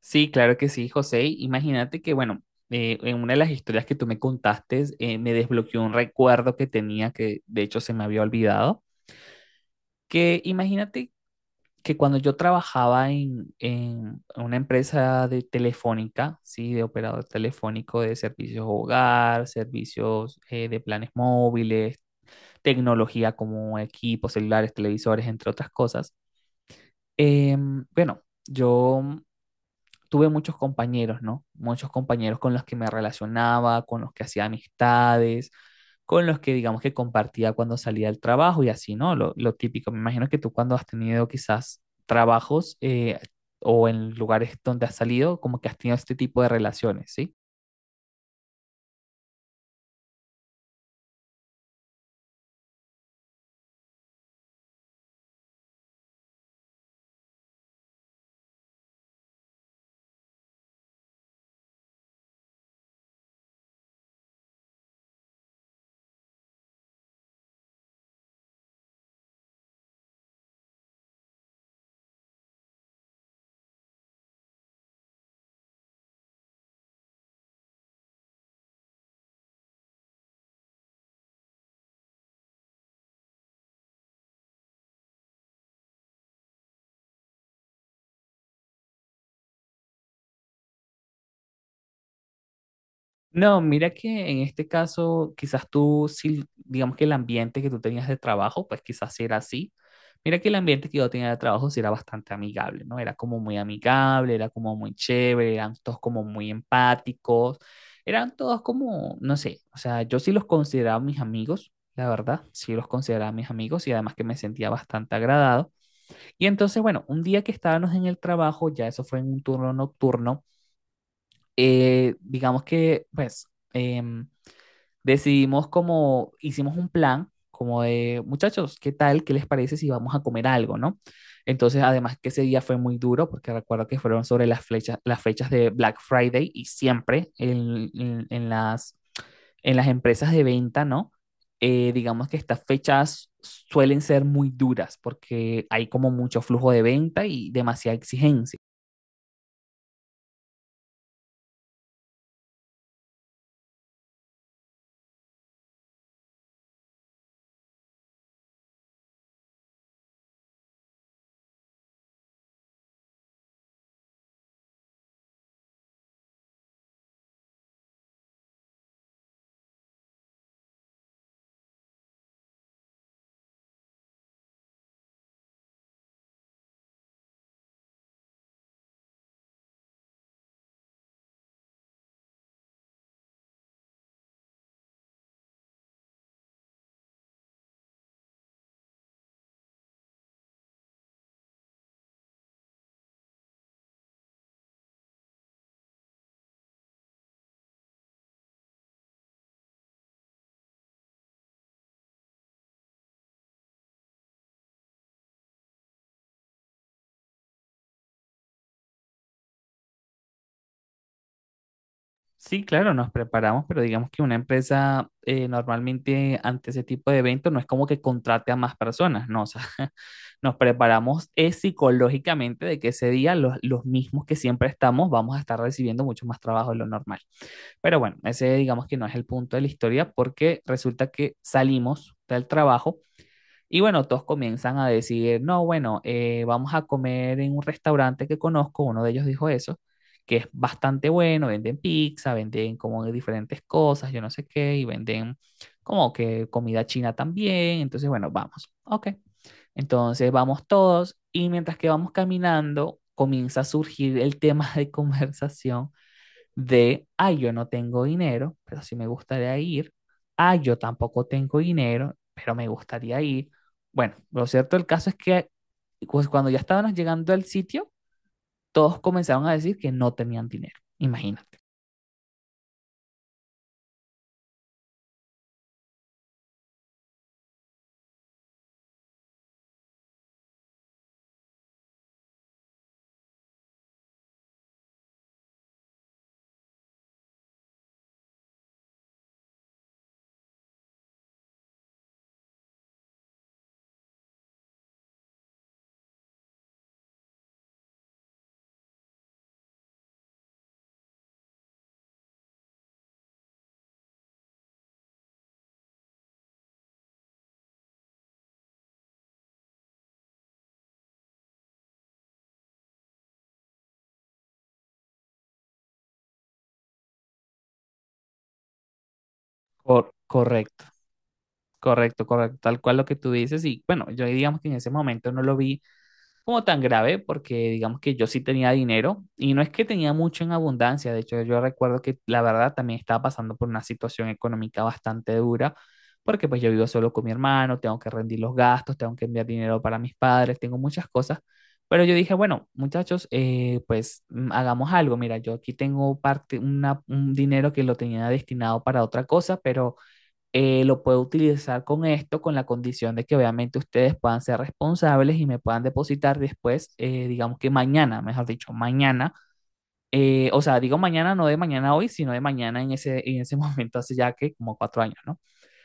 Sí, claro que sí, José. Imagínate que, bueno, en una de las historias que tú me contaste, me desbloqueó un recuerdo que tenía que, de hecho, se me había olvidado, que imagínate que cuando yo trabajaba en una empresa de telefónica, sí, de operador telefónico de servicios hogar, servicios de planes móviles, tecnología como equipos, celulares, televisores, entre otras cosas, bueno, yo tuve muchos compañeros, ¿no? Muchos compañeros con los que me relacionaba, con los que hacía amistades, con los que digamos que compartía cuando salía del trabajo y así, ¿no? Lo típico, me imagino que tú cuando has tenido quizás trabajos o en lugares donde has salido, como que has tenido este tipo de relaciones, ¿sí? No, mira que en este caso, quizás tú, sí, digamos que el ambiente que tú tenías de trabajo, pues quizás sí era así. Mira que el ambiente que yo tenía de trabajo sí era bastante amigable, ¿no? Era como muy amigable, era como muy chévere, eran todos como muy empáticos, eran todos como, no sé, o sea, yo sí los consideraba mis amigos, la verdad, sí los consideraba mis amigos y además que me sentía bastante agradado. Y entonces, bueno, un día que estábamos en el trabajo, ya eso fue en un turno nocturno, digamos que, em, decidimos como, hicimos un plan como de, muchachos, ¿qué tal? ¿Qué les parece si vamos a comer algo, no? Entonces, además que ese día fue muy duro, porque recuerdo que fueron sobre las fechas de Black Friday y siempre en las empresas de venta, ¿no? Digamos que estas fechas suelen ser muy duras porque hay como mucho flujo de venta y demasiada exigencia. Sí, claro, nos preparamos, pero digamos que una empresa normalmente ante ese tipo de eventos no es como que contrate a más personas, no, o sea, nos preparamos psicológicamente de que ese día los mismos que siempre estamos vamos a estar recibiendo mucho más trabajo de lo normal. Pero bueno, ese digamos que no es el punto de la historia porque resulta que salimos del trabajo y bueno, todos comienzan a decir, no, bueno, vamos a comer en un restaurante que conozco, uno de ellos dijo eso, que es bastante bueno, venden pizza, venden como de diferentes cosas, yo no sé qué, y venden como que comida china también, entonces bueno, vamos, ok. Entonces vamos todos y mientras que vamos caminando, comienza a surgir el tema de conversación de, ay, yo no tengo dinero, pero sí me gustaría ir, ay, yo tampoco tengo dinero, pero me gustaría ir. Bueno, lo cierto del caso es que pues, cuando ya estábamos llegando al sitio, todos comenzaron a decir que no tenían dinero, imagínate. Cor- correcto, correcto, tal cual lo que tú dices y bueno, yo digamos que en ese momento no lo vi como tan grave, porque digamos que yo sí tenía dinero y no es que tenía mucho en abundancia, de hecho yo recuerdo que la verdad también estaba pasando por una situación económica bastante dura, porque pues yo vivo solo con mi hermano, tengo que rendir los gastos, tengo que enviar dinero para mis padres, tengo muchas cosas, pero yo dije, bueno, muchachos, pues hagamos algo, mira, yo aquí tengo parte, un dinero que lo tenía destinado para otra cosa, pero lo puedo utilizar con esto, con la condición de que obviamente ustedes puedan ser responsables y me puedan depositar después, digamos que mañana, mejor dicho, mañana. O sea, digo mañana, no de mañana hoy, sino de mañana en ese momento, hace ya que como 4 años, ¿no?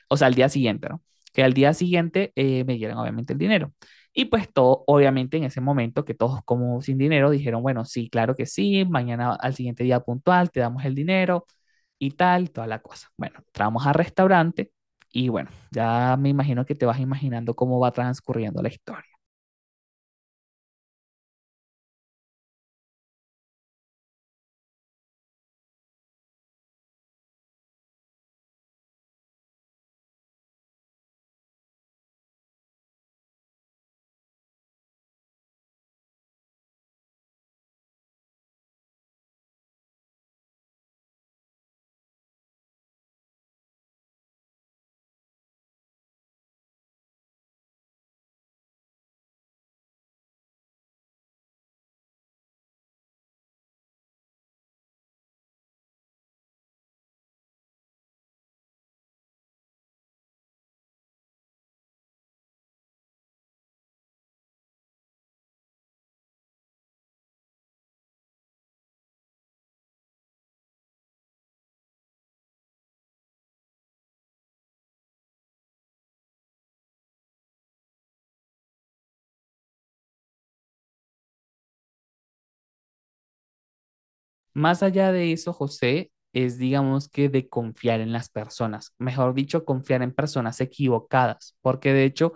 O sea, al día siguiente, ¿no? Que al día siguiente me dieran obviamente el dinero. Y pues todo, obviamente en ese momento que todos como sin dinero dijeron, bueno, sí, claro que sí, mañana al siguiente día puntual te damos el dinero, y tal, toda la cosa. Bueno, entramos al restaurante y bueno, ya me imagino que te vas imaginando cómo va transcurriendo la historia. Más allá de eso, José, es digamos que de confiar en las personas, mejor dicho, confiar en personas equivocadas, porque de hecho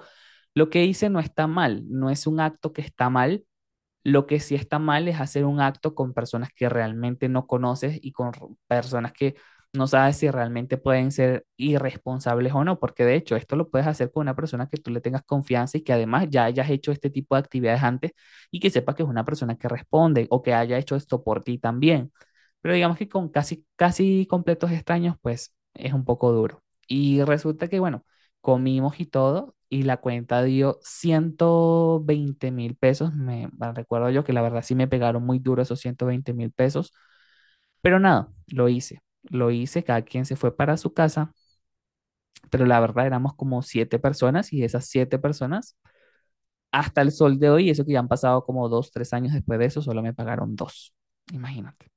lo que hice no está mal, no es un acto que está mal. Lo que sí está mal es hacer un acto con personas que realmente no conoces y con personas que no sabes si realmente pueden ser irresponsables o no, porque de hecho esto lo puedes hacer con una persona que tú le tengas confianza y que además ya hayas hecho este tipo de actividades antes y que sepa que es una persona que responde o que haya hecho esto por ti también. Pero digamos que con casi, casi completos extraños, pues es un poco duro. Y resulta que, bueno, comimos y todo, y la cuenta dio 120.000 pesos. Me bueno, recuerdo yo que la verdad sí me pegaron muy duro esos 120.000 pesos, pero nada, lo hice. Lo hice, cada quien se fue para su casa, pero la verdad éramos como siete personas y esas siete personas, hasta el sol de hoy, eso que ya han pasado como 2, 3 años después de eso, solo me pagaron dos. Imagínate.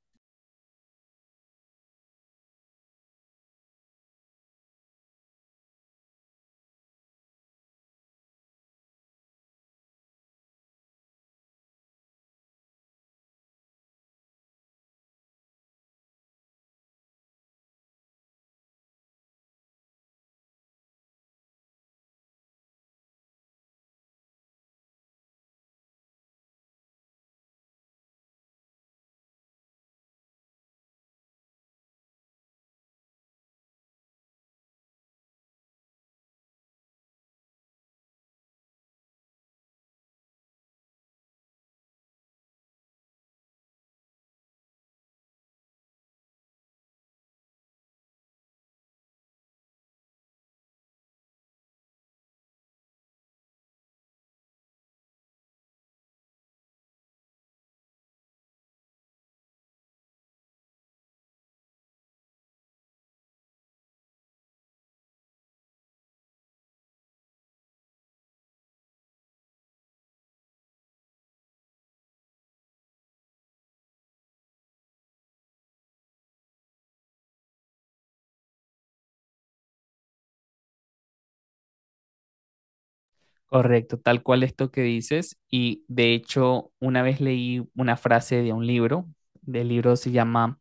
Correcto, tal cual esto que dices. Y de hecho, una vez leí una frase de un libro, del libro se llama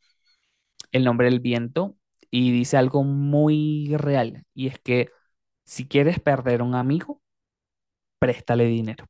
El nombre del viento y dice algo muy real y es que si quieres perder a un amigo, préstale dinero.